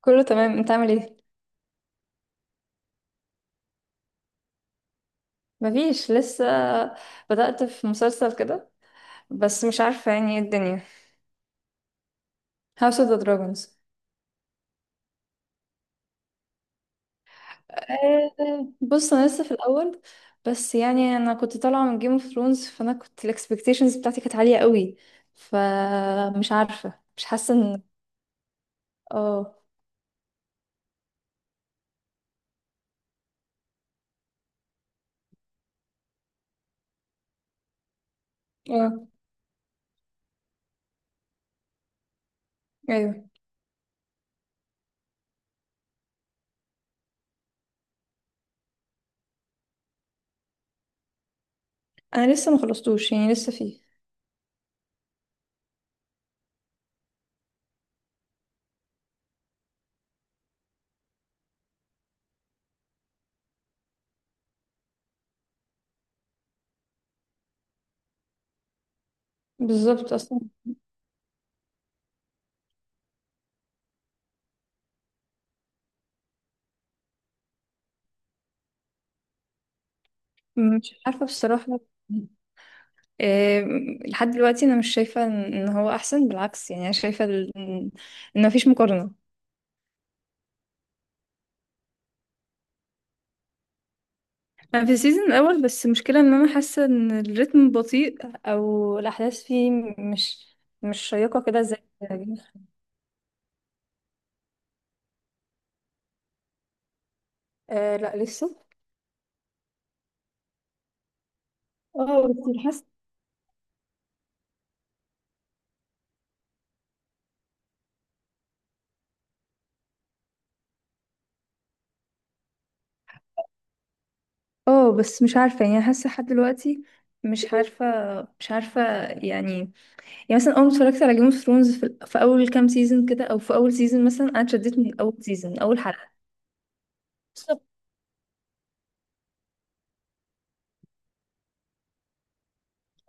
كله تمام، انت عامل ايه؟ مفيش لسه. بدأت في مسلسل كده بس مش عارفة يعني ايه الدنيا. House of the Dragons. آه، بص انا لسه في الاول. بس يعني انا كنت طالعة من Game of Thrones، فانا كنت الاكسبكتيشنز بتاعتي كانت عالية قوي. فمش عارفة، مش حاسة ان... اه. اه. ايوه، انا لسه ما خلصتوش، يعني لسه فيه. بالظبط اصلا. مش عارفة بصراحة. لحد دلوقتي انا مش شايفه ان إن هو احسن. بالعكس، يعني انا شايفه ان إن مفيش مقارنه. انا في السيزون الاول، بس المشكله ان انا حاسه ان الريتم بطيء، او الاحداث فيه مش مش شيقه كده زي... آه لا لسه. اه بس حاسه. اه بس مش عارفه، يعني حاسه لحد دلوقتي. مش عارفه مش عارفه. يعني. يعني مثلا اول ما اتفرجت على جيم اوف ثرونز في اول كام سيزون كده، او في اول سيزون مثلا، انا اتشددت من اول سيزون من اول حلقه.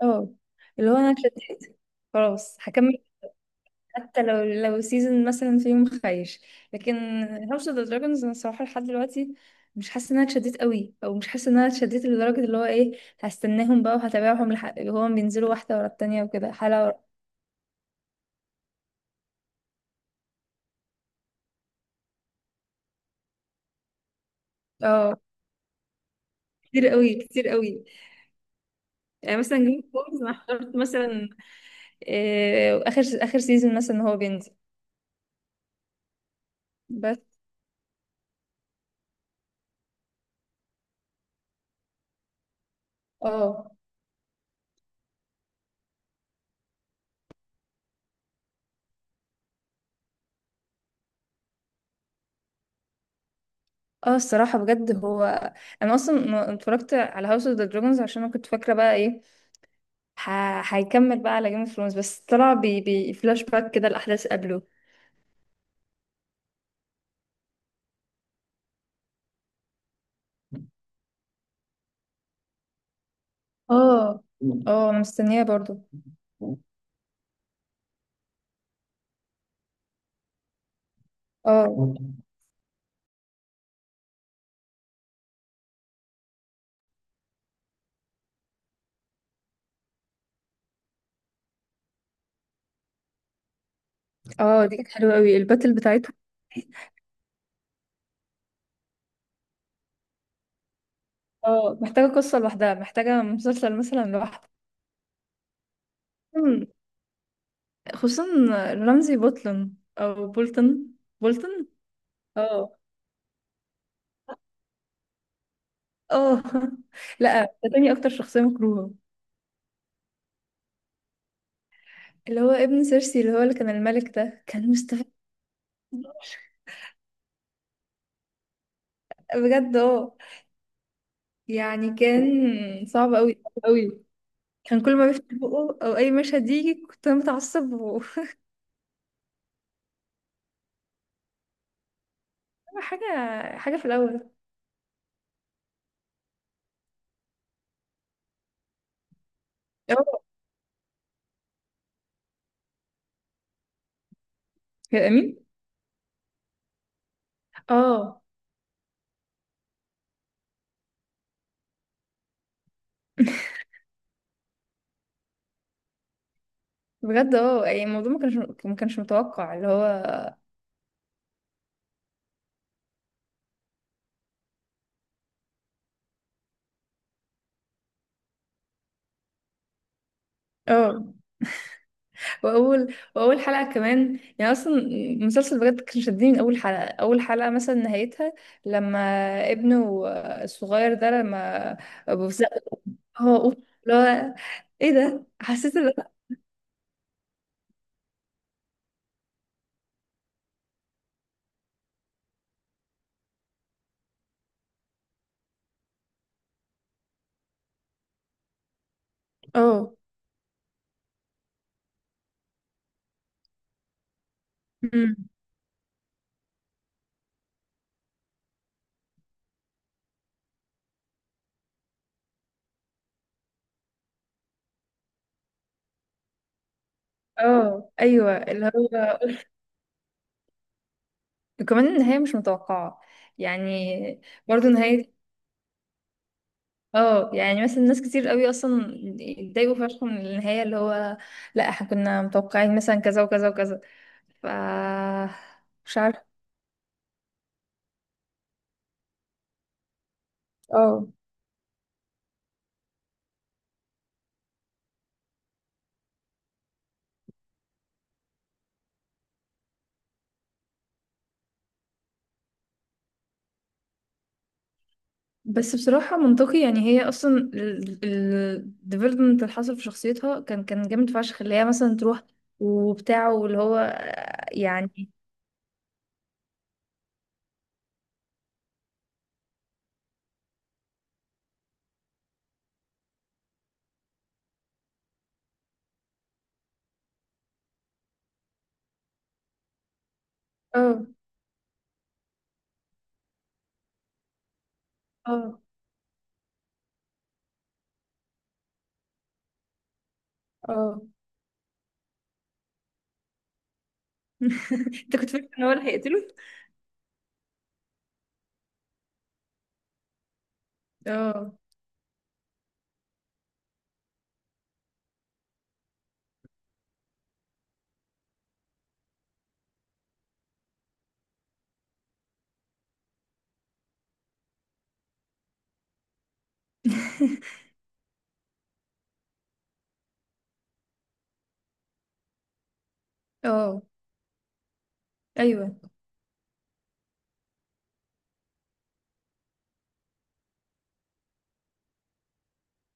اه. اللي هو انا اتشتت. خلاص هكمل. حتى لو سيزون مثلا في يوم خايش، لكن هاوس اوف ذا دراجونز انا الصراحه لحد دلوقتي مش حاسه ان انا اتشدت قوي، او مش حاسه ان انا اتشدت لدرجه اللي هو ايه، هستناهم بقى وهتابعهم لحق هو بينزلوا واحده ورا التانية وكده حلقه اه. كتير قوي، كتير قوي. يعني مثلا جيم اوف ثرونز انا حضرت مثلا، آه، اخر اخر سيزون مثلا هو بينزل. بس. اه. اه الصراحة بجد هو. انا اصلا ما اتفرجت على هاوس اوف ذا دراجونز عشان انا كنت فاكرة بقى ايه، هيكمل بقى على جيم اوف ثرونز، بس طلع فلاش باك كده الاحداث قبله. اه. اه انا مستنية برضو. اه. اه دي كانت حلوة قوي الباتل بتاعتهم. اه محتاجة قصة لوحدها، محتاجة مسلسل مثلا لوحده. مم، خصوصا رمزي بولتون او بولتون. بولتون. اه. اه. لا، ده تاني اكتر شخصية مكروهة. اللي هو ابن سيرسي، اللي هو اللي كان الملك، ده كان مستفز بجد. اه. يعني كان صعب قوي، صعب قوي. كان كل ما بيفتح بقه او اي مشهد يجي كنت انا متعصب و... حاجه، حاجه في الاول. اه كان امين. اه. بجد اه، يعني الموضوع ما كانش متوقع اللي هو. اه، واول حلقه كمان، يعني اصلا المسلسل بجد كان شدني من اول حلقه. اول حلقه مثلا نهايتها، لما ابنه الصغير ده، لما ابو، هو أوف، لا، ايه ده، حسيت ان... اه. أمم. اه ايوه اللي هو. وكمان النهايه مش متوقعه، يعني برضو نهايه. اه، يعني مثلا ناس كتير قوي اصلا اتضايقوا فشخ من النهايه، اللي هو لا احنا كنا متوقعين مثلا كذا وكذا وكذا، ف... مش عارفه. اه بس بصراحه منطقي، يعني هي اصلا الديفلوبمنت اللي حصل في شخصيتها كان جامد فشخ، اللي هي مثلا تروح وبتاعه واللي هو، يعني. اه. اه. اه. انت كنت فاكر ان هو اللي هيقتله؟ اه. اه ايوه.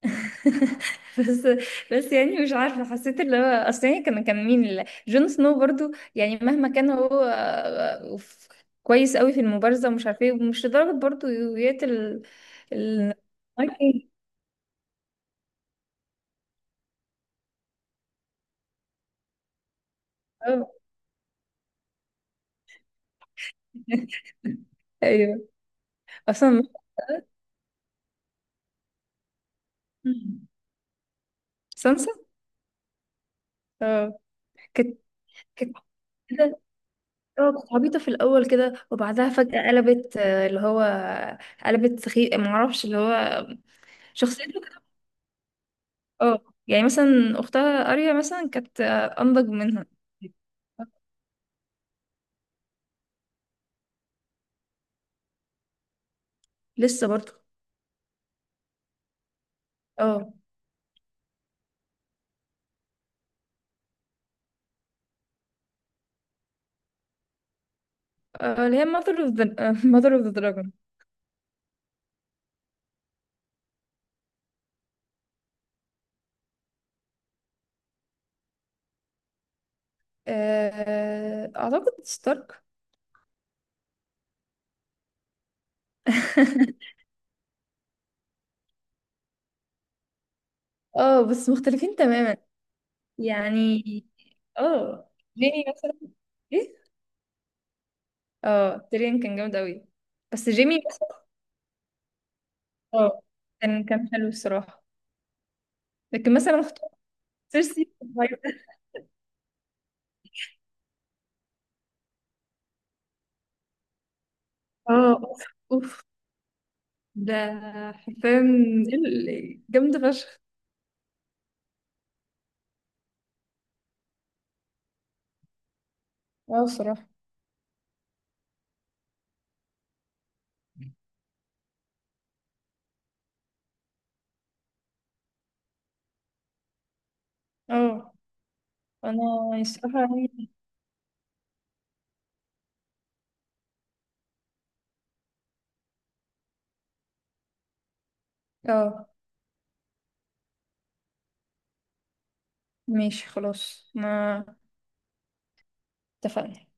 بس بس يعني مش عارفه، حسيت اللي هو اصل يعني كان مين اللي... جون سنو برضو، يعني مهما كان هو، آه، ف- كويس قوي في المبارزه ومش عارفه ايه، ومش لدرجه برضو يقتل. ال... اوكي. اه. ايوه. اصلا. مم. سانسا. اه. كانت كانت. اه كنت عبيطة في الأول كده، وبعدها فجأة قلبت، آه، اللي هو قلبت سخي، معرفش اللي هو شخصيته كده. اه يعني مثلا أختها أريا مثلا كانت، آه، أنضج منها. لسه برضه. اه. آه، اللي هي mother of the mother of the dragon. آه، أعتقد ستارك. اه بس مختلفين تماما. يعني. اه جيمي مثلا. ايه. اه تيريون كان جامد أوي. بس جيمي مثلا. اه كان حلو الصراحة، لكن مثلا اختار سيرسي. اه اوف. اوف ده حرفيا ال- جامدة فشخ. اه الصراحة. اه انا الصراحة يعني. اه ماشي خلاص، ما اتفقنا.